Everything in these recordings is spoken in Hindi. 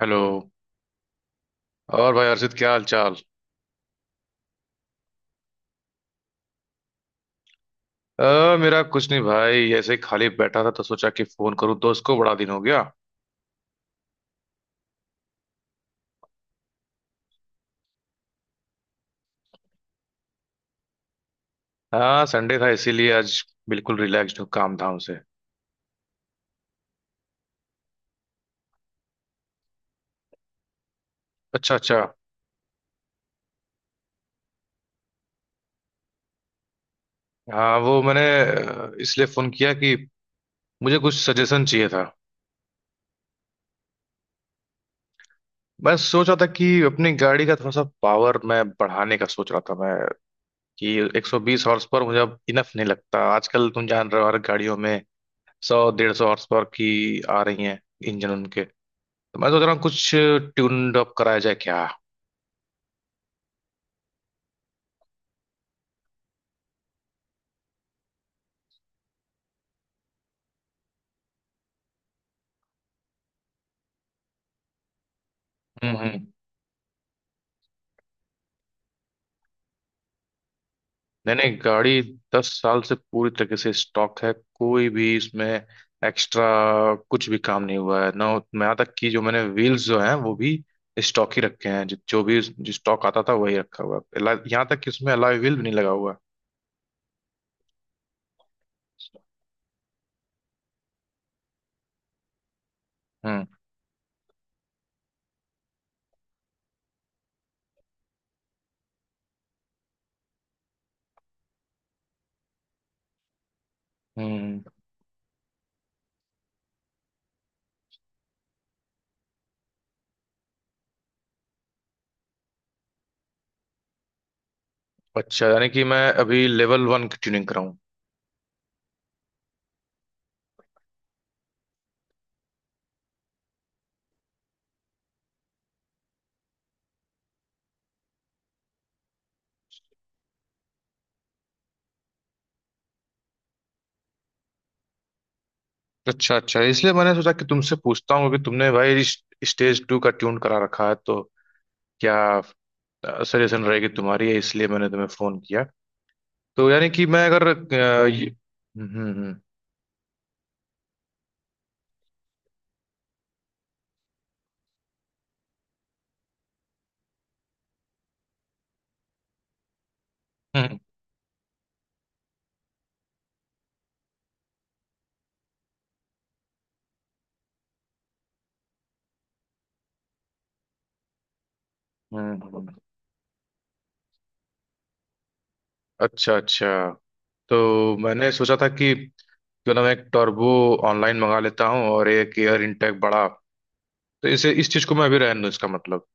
हेलो। और भाई अर्षित क्या हाल चाल। अ, मेरा कुछ नहीं भाई, ऐसे ही खाली बैठा था तो सोचा कि फोन करूँ दोस्त को, बड़ा दिन हो गया। हाँ संडे था इसीलिए आज बिल्कुल रिलैक्स्ड हूँ काम धाम से। अच्छा अच्छा। हाँ वो मैंने इसलिए फोन किया कि मुझे कुछ सजेशन चाहिए था। मैं सोच रहा था कि अपनी गाड़ी का थोड़ा सा पावर मैं बढ़ाने का सोच रहा था मैं, कि 120 हॉर्स पावर मुझे अब इनफ नहीं लगता, आजकल तुम जान रहे हो हर गाड़ियों में सौ डेढ़ सौ हॉर्स पावर की आ रही हैं इंजन उनके। तो मैं सोच रहा हूँ कुछ ट्यून्ड अप कराया जाए क्या। हम्म हम्म। नहीं नहीं, गाड़ी 10 साल से पूरी तरीके से स्टॉक है, कोई भी इसमें एक्स्ट्रा कुछ भी काम नहीं हुआ है ना। मैं यहाँ तक कि जो मैंने व्हील्स जो हैं वो भी स्टॉक ही रखे हैं, जो जो भी जो स्टॉक आता था वही रखा हुआ है, यहाँ तक कि उसमें अलॉय व्हील भी नहीं लगा हुआ है। हम्म हम्म। अच्छा यानी कि मैं अभी लेवल वन की ट्यूनिंग कराऊं। अच्छा अच्छा, इसलिए मैंने सोचा कि तुमसे पूछता हूँ कि तुमने भाई स्टेज टू का ट्यून करा रखा है तो क्या सजेशन रहेगी तुम्हारी, है इसलिए मैंने तुम्हें फोन किया। तो यानी कि मैं अगर ये। हम्म। हम्म हम्म। अच्छा अच्छा। तो मैंने सोचा था कि क्यों ना मैं एक टर्बो ऑनलाइन मंगा लेता हूँ और एक एयर इंटेक बड़ा, तो इसे इस चीज को मैं अभी रहने दूँ इसका मतलब।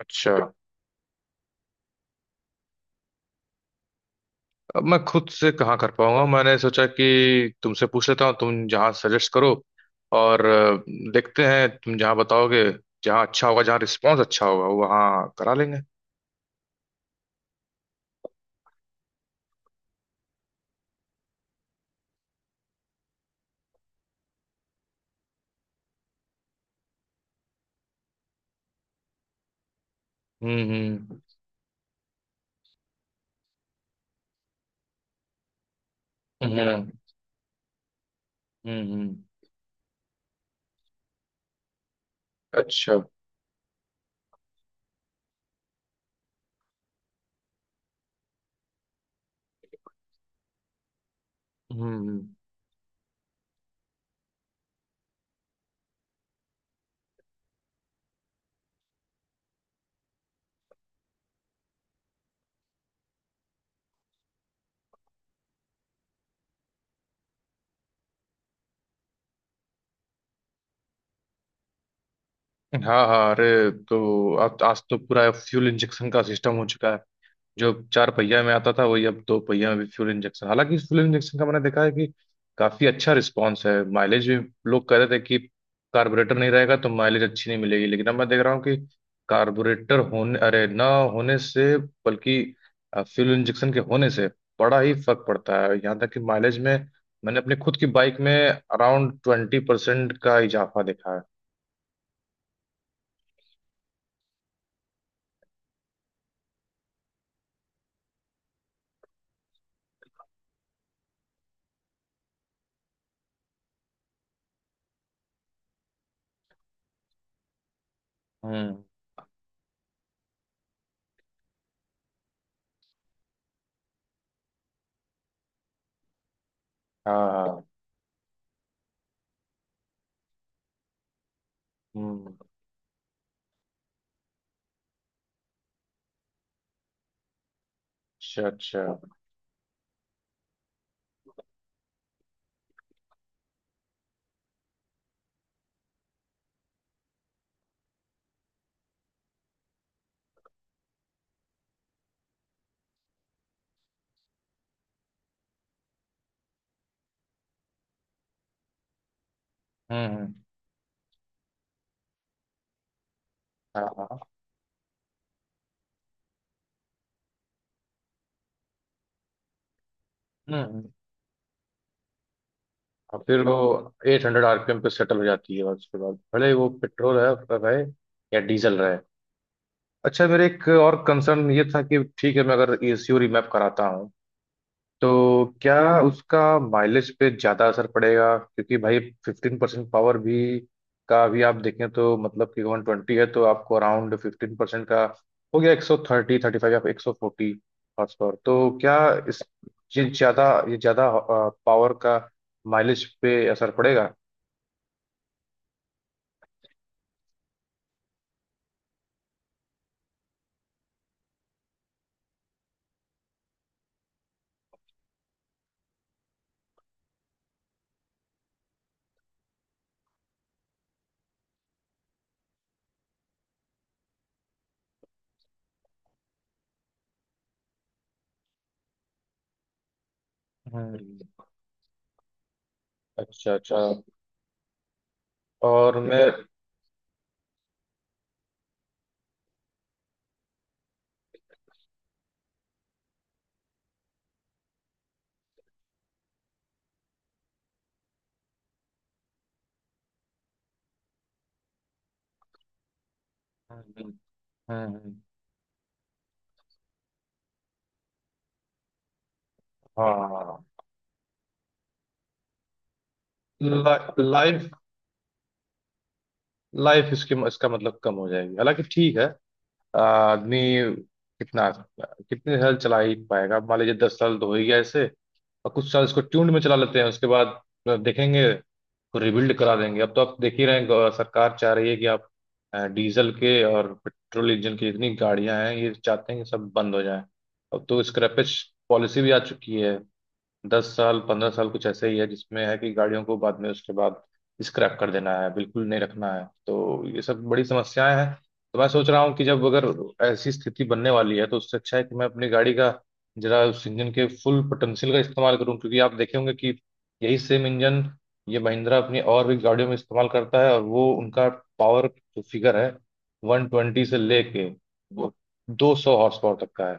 अच्छा, अब मैं खुद से कहाँ कर पाऊंगा, मैंने सोचा कि तुमसे पूछ लेता हूँ तुम जहाँ सजेस्ट करो और देखते हैं तुम जहाँ बताओगे, जहाँ अच्छा होगा जहाँ रिस्पॉन्स अच्छा होगा वहाँ करा लेंगे। हम्म। हम्म हम्म, अच्छा। हम्म हम्म। हाँ हाँ अरे, तो अब आज तो पूरा फ्यूल इंजेक्शन का सिस्टम हो चुका है, जो चार पहिया में आता था वही अब दो पहिया में भी फ्यूल इंजेक्शन। हालांकि इस फ्यूल इंजेक्शन का मैंने देखा है कि काफी अच्छा रिस्पॉन्स है, माइलेज भी, लोग कह रहे थे कि कार्बोरेटर नहीं रहेगा तो माइलेज अच्छी नहीं मिलेगी, लेकिन अब मैं देख रहा हूँ कि कार्बोरेटर होने, अरे ना होने से, बल्कि फ्यूल इंजेक्शन के होने से बड़ा ही फर्क पड़ता है, यहाँ तक कि माइलेज में मैंने अपने खुद की बाइक में अराउंड 20% का इजाफा देखा है। हम्म। हाँ हाँ। हम्म। अच्छा अच्छा। हम्म, हाँ हाँ। हम्म और फिर वो 800 RPM पे सेटल हो जाती है और उसके बाद भले वो पेट्रोल है रहे या डीजल रहे। अच्छा मेरे एक और कंसर्न ये था कि, ठीक है मैं अगर ECU रिमैप कराता हूँ तो क्या उसका माइलेज पे ज़्यादा असर पड़ेगा, क्योंकि भाई 15% पावर भी का अभी आप देखें तो मतलब कि 120 है तो आपको अराउंड 15% का हो गया 130 35 या 140 हॉर्स पावर, तो क्या इस ये ज़्यादा पावर का माइलेज पे असर पड़ेगा। हम्म, अच्छा अच्छा। और मैं हम्म, हम्म, हाँ। लाइफ लाइफ इसके इसका मतलब कम हो जाएगी, हालांकि ठीक है। आदमी कितना कितने साल चला ही पाएगा, मान लीजिए 10 साल तो हो ही गया ऐसे, और कुछ साल इसको ट्यून्ड में चला लेते हैं उसके बाद देखेंगे तो रिबिल्ड करा देंगे। अब तो आप देख ही रहे हैं, सरकार चाह रही है कि आप डीजल के और पेट्रोल इंजन की जितनी गाड़ियां हैं ये चाहते हैं कि सब बंद हो जाए। अब तो स्क्रैपेज पॉलिसी भी आ चुकी है, 10 साल 15 साल कुछ ऐसे ही है जिसमें है कि गाड़ियों को बाद में उसके बाद स्क्रैप कर देना है, बिल्कुल नहीं रखना है, तो ये सब बड़ी समस्याएं हैं। तो मैं सोच रहा हूँ कि जब अगर ऐसी स्थिति बनने वाली है तो उससे अच्छा है कि मैं अपनी गाड़ी का जरा उस इंजन के फुल पोटेंशियल का इस्तेमाल करूँ, क्योंकि आप देखे होंगे कि यही सेम इंजन ये महिंद्रा अपनी और भी गाड़ियों में इस्तेमाल करता है और वो उनका पावर जो फिगर है 120 से लेके 200 HP तक का है।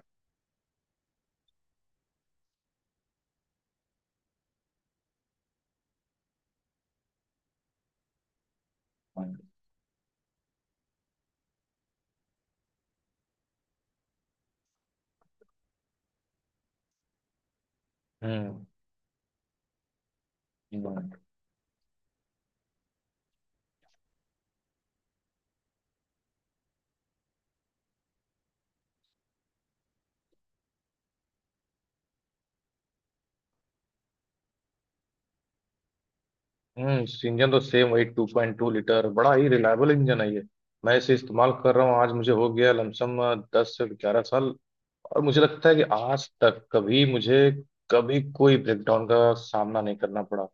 हम्म हम्म। इस इंजन तो सेम वही 2.2 लीटर, बड़ा ही रिलायबल इंजन है ये। मैं इसे इस्तेमाल कर रहा हूँ, आज मुझे हो गया लमसम 10 से 11 साल, और मुझे लगता है कि आज तक कभी मुझे कभी कोई ब्रेकडाउन का सामना नहीं करना पड़ा,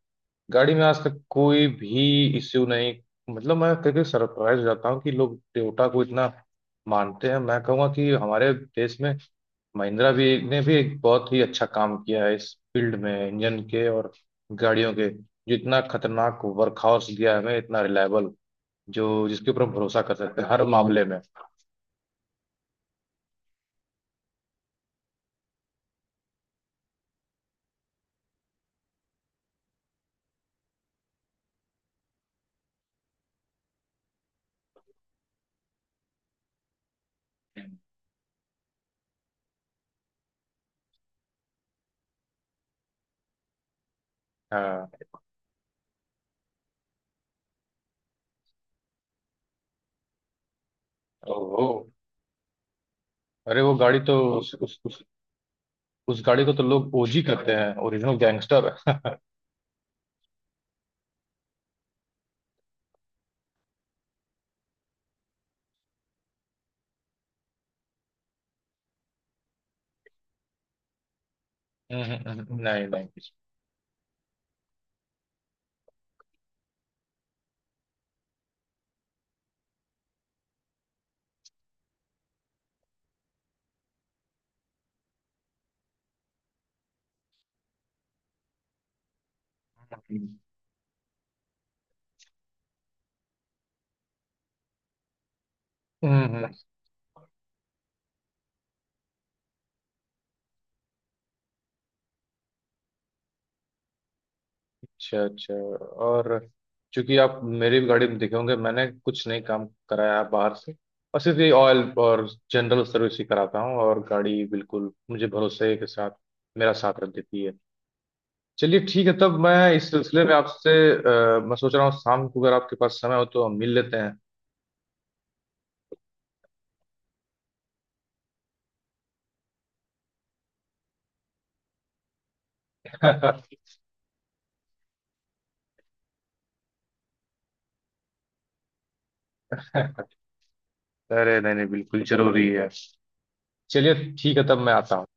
गाड़ी में आज तक कोई भी इश्यू नहीं। मतलब मैं कभी सरप्राइज हो जाता हूँ कि लोग टोयोटा को इतना मानते हैं, मैं कहूँगा कि हमारे देश में महिंद्रा भी ने भी एक बहुत ही अच्छा काम किया है इस फील्ड में, इंजन के और गाड़ियों के, जितना खतरनाक वर्कहॉर्स दिया है हमें, इतना रिलायबल जो जिसके ऊपर हम भरोसा कर सकते हैं हर मामले में। हाँ। ओहो अरे वो गाड़ी तो उस गाड़ी को तो लोग OG करते हैं, ओरिजिनल गैंगस्टर। नहीं नहीं। अच्छा अच्छा। और चूंकि आप मेरी भी गाड़ी में देखे होंगे, मैंने कुछ नहीं काम कराया है बाहर से, बस सिर्फ ये ऑयल और जनरल सर्विस ही कराता हूँ और गाड़ी बिल्कुल मुझे भरोसे के साथ मेरा साथ रख देती है। चलिए ठीक है, तब मैं इस सिलसिले में आपसे मैं सोच रहा हूँ शाम को अगर आपके पास समय हो तो हम मिल लेते हैं। अरे नहीं नहीं बिल्कुल जरूरी है। चलिए ठीक है तब मैं आता हूँ।